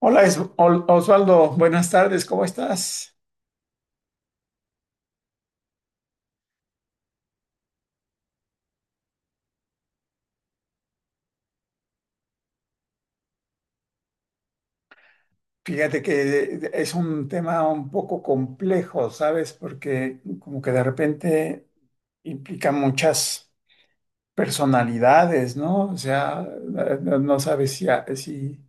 Hola Osvaldo, buenas tardes, ¿cómo estás? Fíjate que es un tema un poco complejo, ¿sabes? Porque como que de repente implica muchas personalidades, ¿no? O sea, no sabes si, si,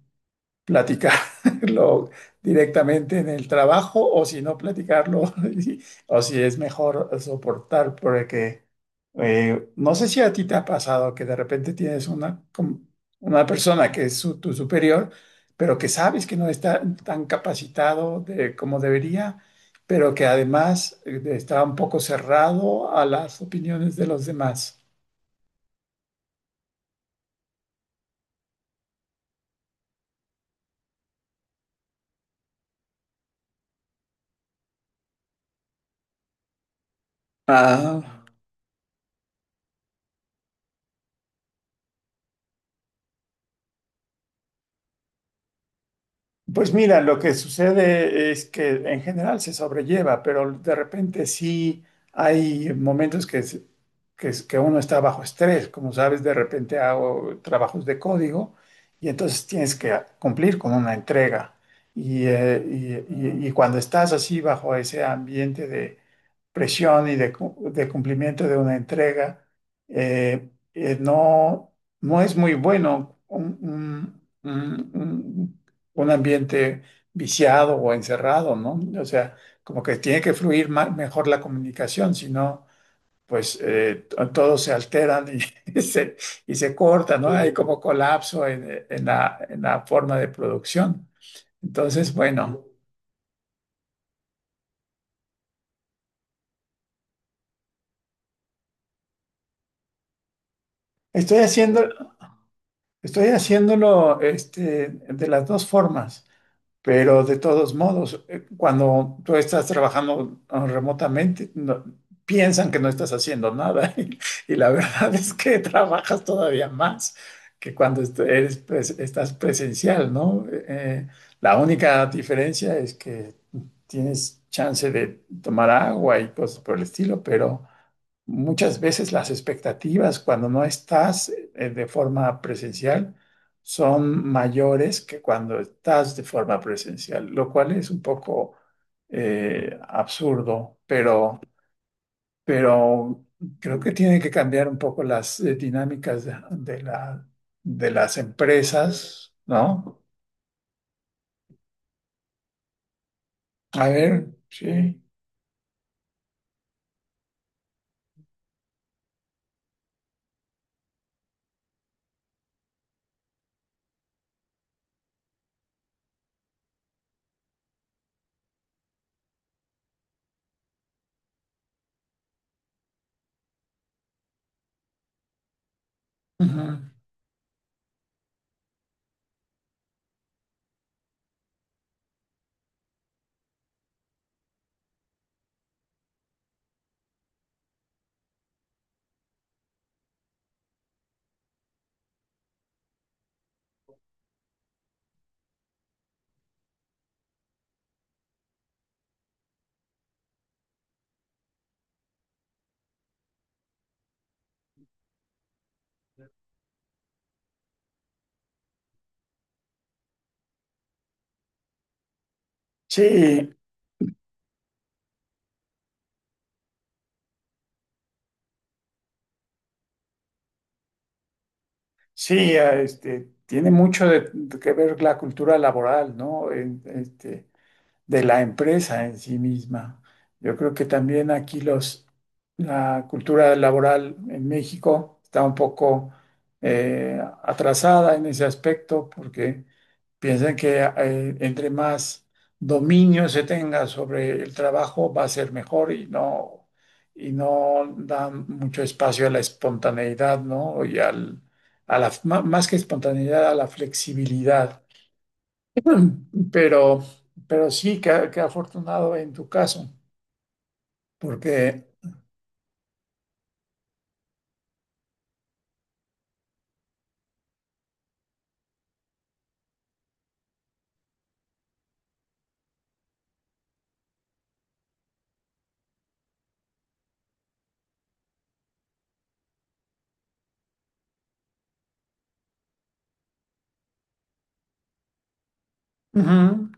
platicarlo directamente en el trabajo o si no platicarlo o si es mejor soportar porque no sé si a ti te ha pasado que de repente tienes una, una persona que es tu superior, pero que sabes que no está tan capacitado de, como debería, pero que además está un poco cerrado a las opiniones de los demás. Ah. Pues mira, lo que sucede es que en general se sobrelleva, pero de repente sí hay momentos que, que uno está bajo estrés. Como sabes, de repente hago trabajos de código y entonces tienes que cumplir con una entrega. Y, y cuando estás así bajo ese ambiente de presión y de, de cumplimiento de una entrega, no, no es muy bueno. Un un ambiente viciado o encerrado, ¿no? O sea, como que tiene que fluir mejor la comunicación, si no, pues todos se alteran y, y se corta, ¿no? Hay. Sí. Como colapso en, en la forma de producción. Entonces, bueno, estoy haciendo, estoy haciéndolo este, de las dos formas. Pero de todos modos, cuando tú estás trabajando ah, remotamente, piensan que no estás haciendo nada y la verdad es que trabajas todavía más que cuando estás presencial, ¿no? La única diferencia es que tienes chance de tomar agua y cosas por el estilo, pero muchas veces las expectativas cuando no estás de forma presencial son mayores que cuando estás de forma presencial, lo cual es un poco absurdo, pero creo que tiene que cambiar un poco las dinámicas de, de las empresas, ¿no? A ver, sí. Ujú. Sí, sí, este, tiene mucho de que ver la cultura laboral, ¿no? En- Este, de la empresa en sí misma. Yo creo que también aquí la cultura laboral en México está un poco atrasada en ese aspecto porque piensan que entre más dominio se tenga sobre el trabajo va a ser mejor y no dan mucho espacio a la espontaneidad, ¿no? Y al, a la, más que espontaneidad, a la flexibilidad. Pero, pero sí, qué, qué afortunado en tu caso, porque ujú,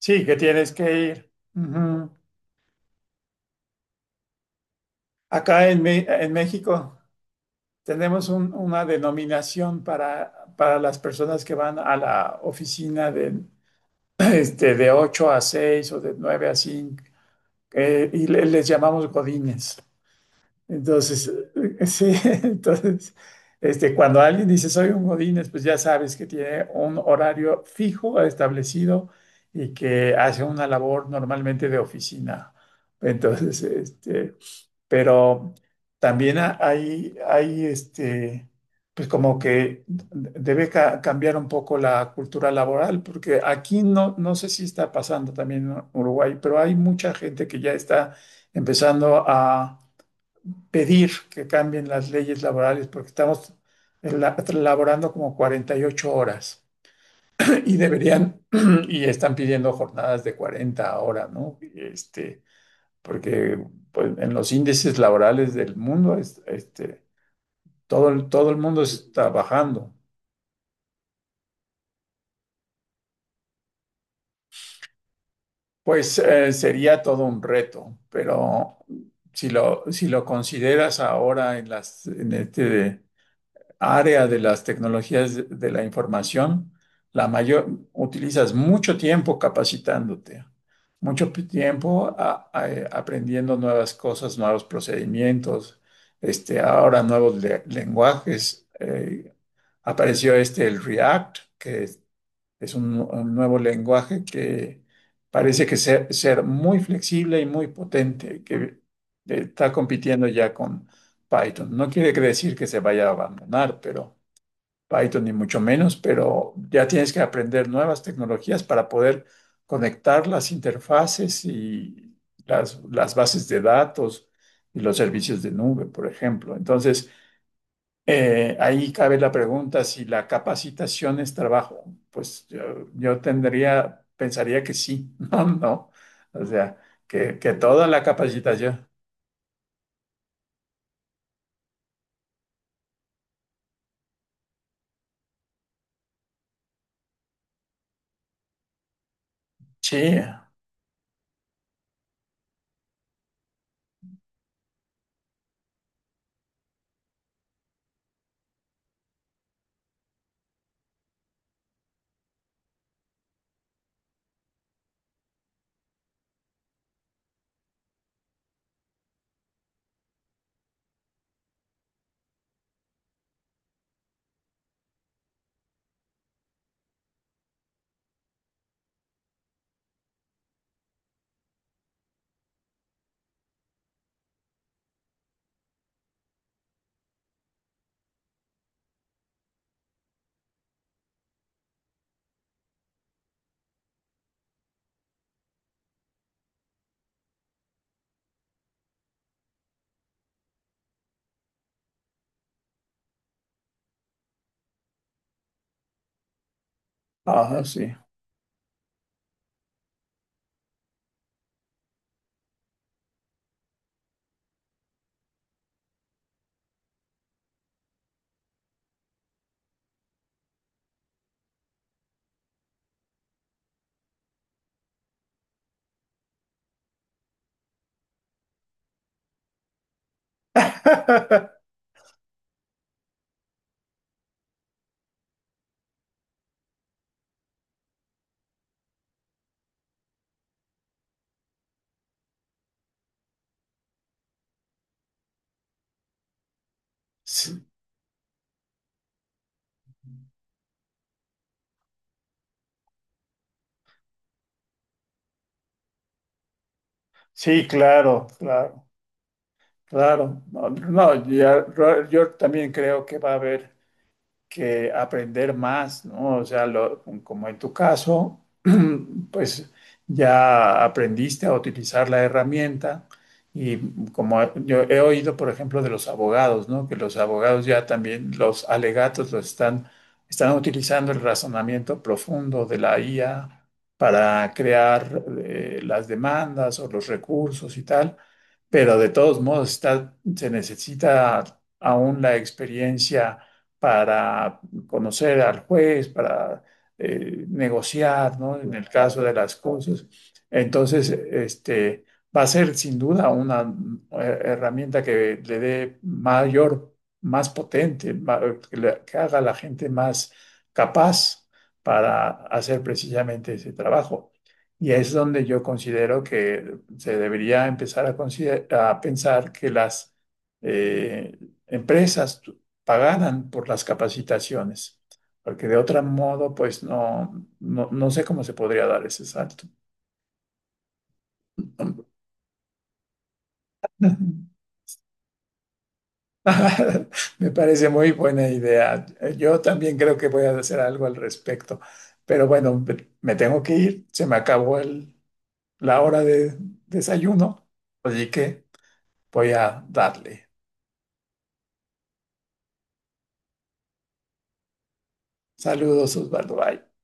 sí, que tienes que ir. Ujú. Acá en, en México tenemos una denominación para las personas que van a la oficina de, este, de 8 a 6 o de 9 a 5 y les llamamos godines. Entonces, sí, entonces, este, cuando alguien dice soy un Godínez, pues ya sabes que tiene un horario fijo establecido y que hace una labor normalmente de oficina. Entonces, este, pero también hay, hay, este, pues como que debe cambiar un poco la cultura laboral, porque aquí no, no sé si está pasando también en Uruguay, pero hay mucha gente que ya está empezando a pedir que cambien las leyes laborales porque estamos laborando como 48 horas y deberían, y están pidiendo jornadas de 40 horas, ¿no? Este, porque pues, en los índices laborales del mundo, este, todo, todo el mundo se está bajando. Pues sería todo un reto, pero si lo, si lo consideras ahora en las, en este área de las tecnologías de la información, la mayor, utilizas mucho tiempo capacitándote, mucho tiempo aprendiendo nuevas cosas, nuevos procedimientos, este, ahora nuevos lenguajes. Apareció este, el React, es un nuevo lenguaje que parece que ser muy flexible y muy potente, que está compitiendo ya con Python. No quiere decir que se vaya a abandonar, pero Python ni mucho menos, pero ya tienes que aprender nuevas tecnologías para poder conectar las interfaces y las bases de datos y los servicios de nube, por ejemplo. Entonces, ahí cabe la pregunta si la capacitación es trabajo. Pues yo tendría, pensaría que sí, no, no. O sea, que toda la capacitación. Sí, ah, sí. Sí, sí, claro, claro. Claro, no, no, ya- yo también creo que va a haber que aprender más, ¿no? O sea, como en tu caso, pues ya aprendiste a utilizar la herramienta y como yo he oído, por ejemplo, de los abogados, ¿no? Que los abogados ya también los alegatos los están utilizando el razonamiento profundo de la IA para crear las demandas o los recursos y tal, pero de todos modos está, se necesita aún la experiencia para conocer al juez, para negociar, ¿no? En el caso de las cosas. Entonces, este, va a ser sin duda una herramienta que le dé mayor, más potente, que, que haga a la gente más capaz para hacer precisamente ese trabajo. Y es donde yo considero que se debería empezar a, a pensar que las eh, empresas pagaran por las capacitaciones, porque de otro modo, pues no, no, no sé cómo se podría dar ese salto. Me parece muy buena idea. Yo también creo que voy a hacer algo al respecto, pero bueno, me tengo que ir, se me acabó la hora de desayuno, así que voy a darle. Saludos, Osvaldo. Bye.